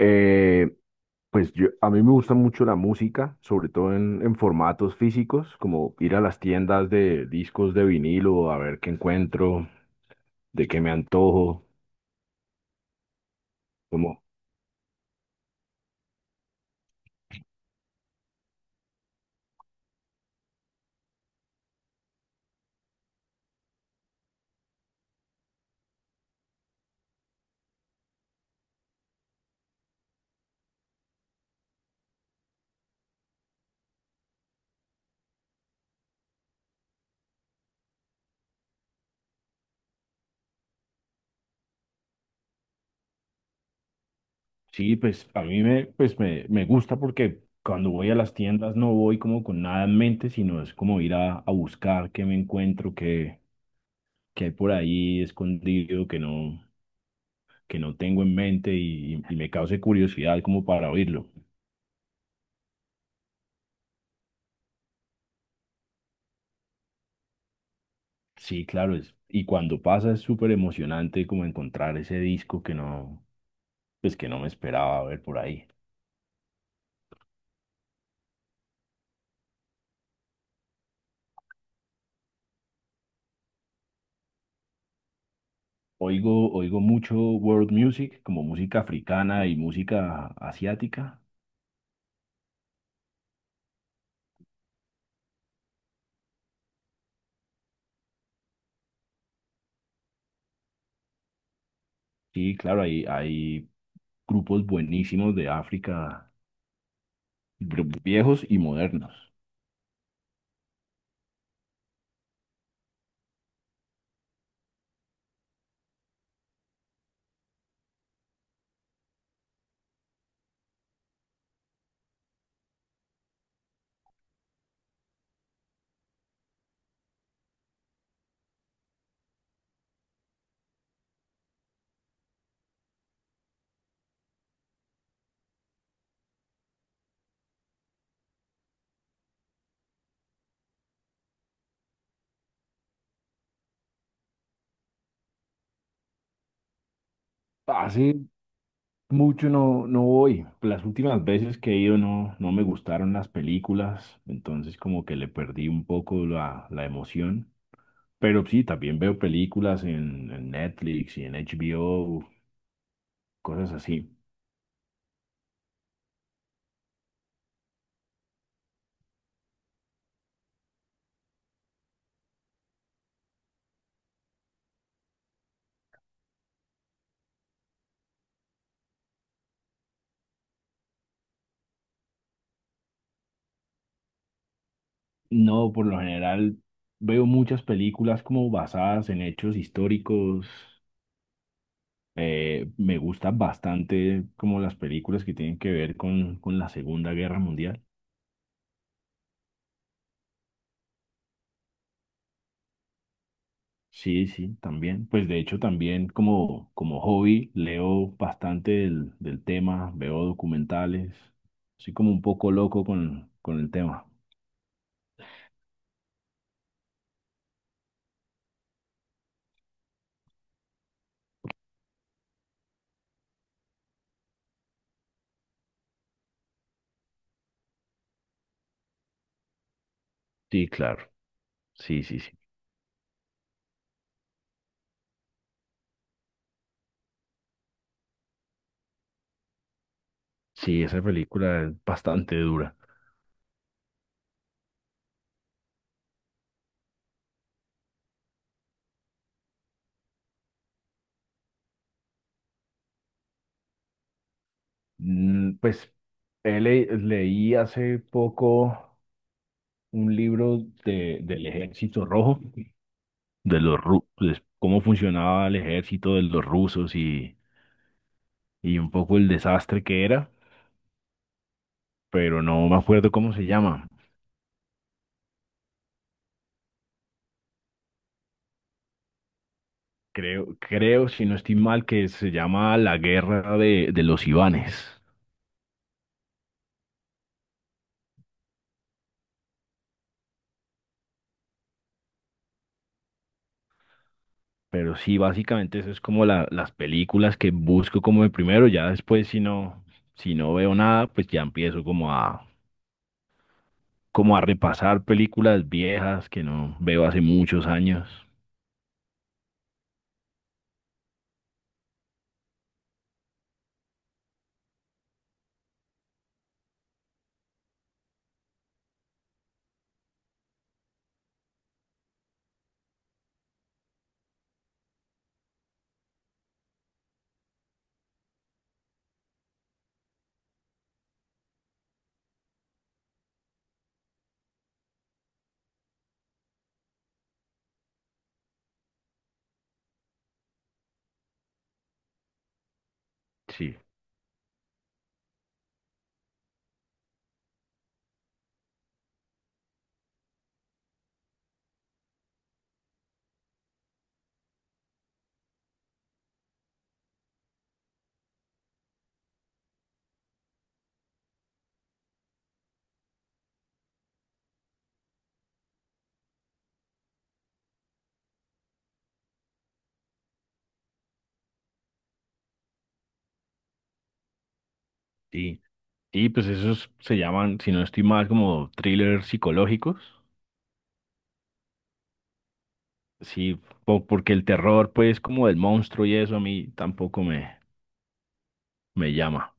Eh, pues a mí me gusta mucho la música, sobre todo en formatos físicos, como ir a las tiendas de discos de vinilo a ver qué encuentro, de qué me antojo. Como, sí, pues a mí me gusta porque cuando voy a las tiendas no voy como con nada en mente, sino es como ir a buscar qué me encuentro, qué hay por ahí escondido que no tengo en mente y me cause curiosidad como para oírlo. Sí, claro, y cuando pasa es súper emocionante como encontrar ese disco que no me esperaba ver por ahí. Oigo mucho world music, como música africana y música asiática. Sí, claro, hay grupos buenísimos de África, viejos y modernos. Hace mucho no voy. Las últimas veces que he ido no me gustaron las películas, entonces como que le perdí un poco la emoción. Pero sí, también veo películas en Netflix y en HBO, cosas así. No, por lo general veo muchas películas como basadas en hechos históricos. Me gustan bastante como las películas que tienen que ver con la Segunda Guerra Mundial. Sí, sí, también. Pues de hecho también como hobby leo bastante del tema, veo documentales. Soy como un poco loco con el tema. Sí, claro. Sí, sí, sí. Sí, esa película es bastante dura. Pues leí hace poco un libro del Ejército Rojo, de los pues, cómo funcionaba el ejército de los rusos y un poco el desastre que era, pero no me acuerdo cómo se llama. Creo, si no estoy mal, que se llama La Guerra de los Ivanes. Pero sí, básicamente eso es como las películas que busco como de primero, ya después si no, veo nada, pues ya empiezo como a repasar películas viejas que no veo hace muchos años. Sí, sí. Y pues esos se llaman, si no estoy mal, como thrillers psicológicos. Sí, porque el terror, pues, como del monstruo y eso a mí tampoco me llama.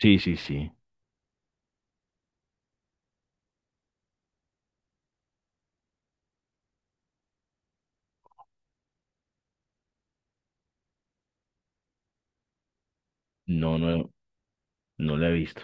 Sí, sí, sí. No, no, no la he visto.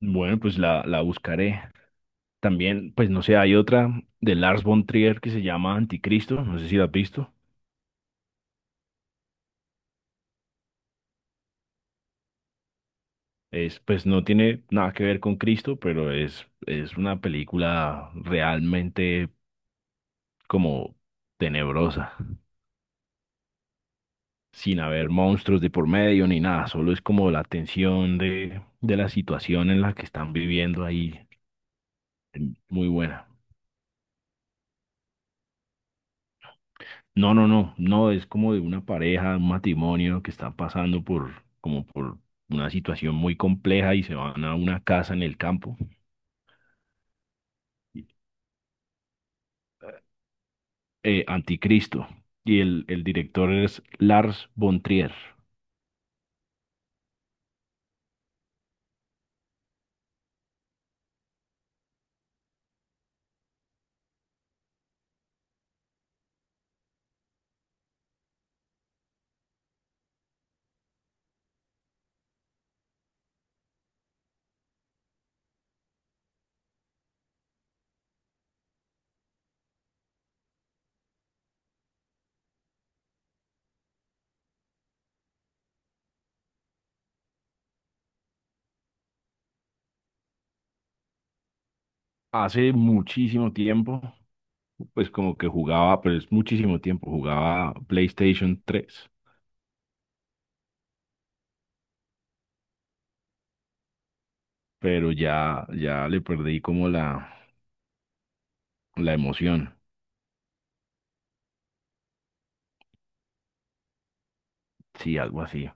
Bueno, pues la buscaré. También, pues no sé, hay otra de Lars von Trier que se llama Anticristo, no sé si la has visto. Pues no tiene nada que ver con Cristo, pero es una película realmente como tenebrosa, sin haber monstruos de por medio ni nada, solo es como la tensión de la situación en la que están viviendo ahí. Muy buena. No, no, no, no, es como de una pareja, un matrimonio que está pasando como por una situación muy compleja y se van a una casa en el campo. Anticristo. Y el director es Lars von Trier. Hace muchísimo tiempo, pues como que jugaba, pero es muchísimo tiempo, jugaba PlayStation 3, pero ya le perdí como la emoción. Sí, algo así,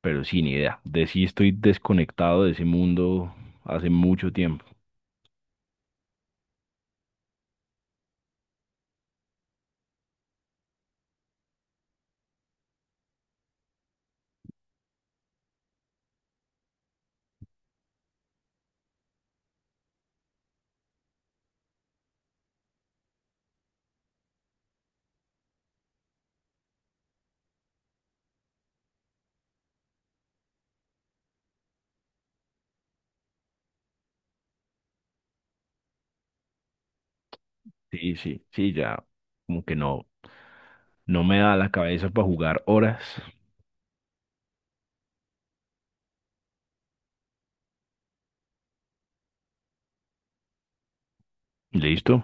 pero sin idea. De sí estoy desconectado de ese mundo hace mucho tiempo. Sí, sí, sí, ya como que no me da la cabeza para jugar horas. ¿Listo?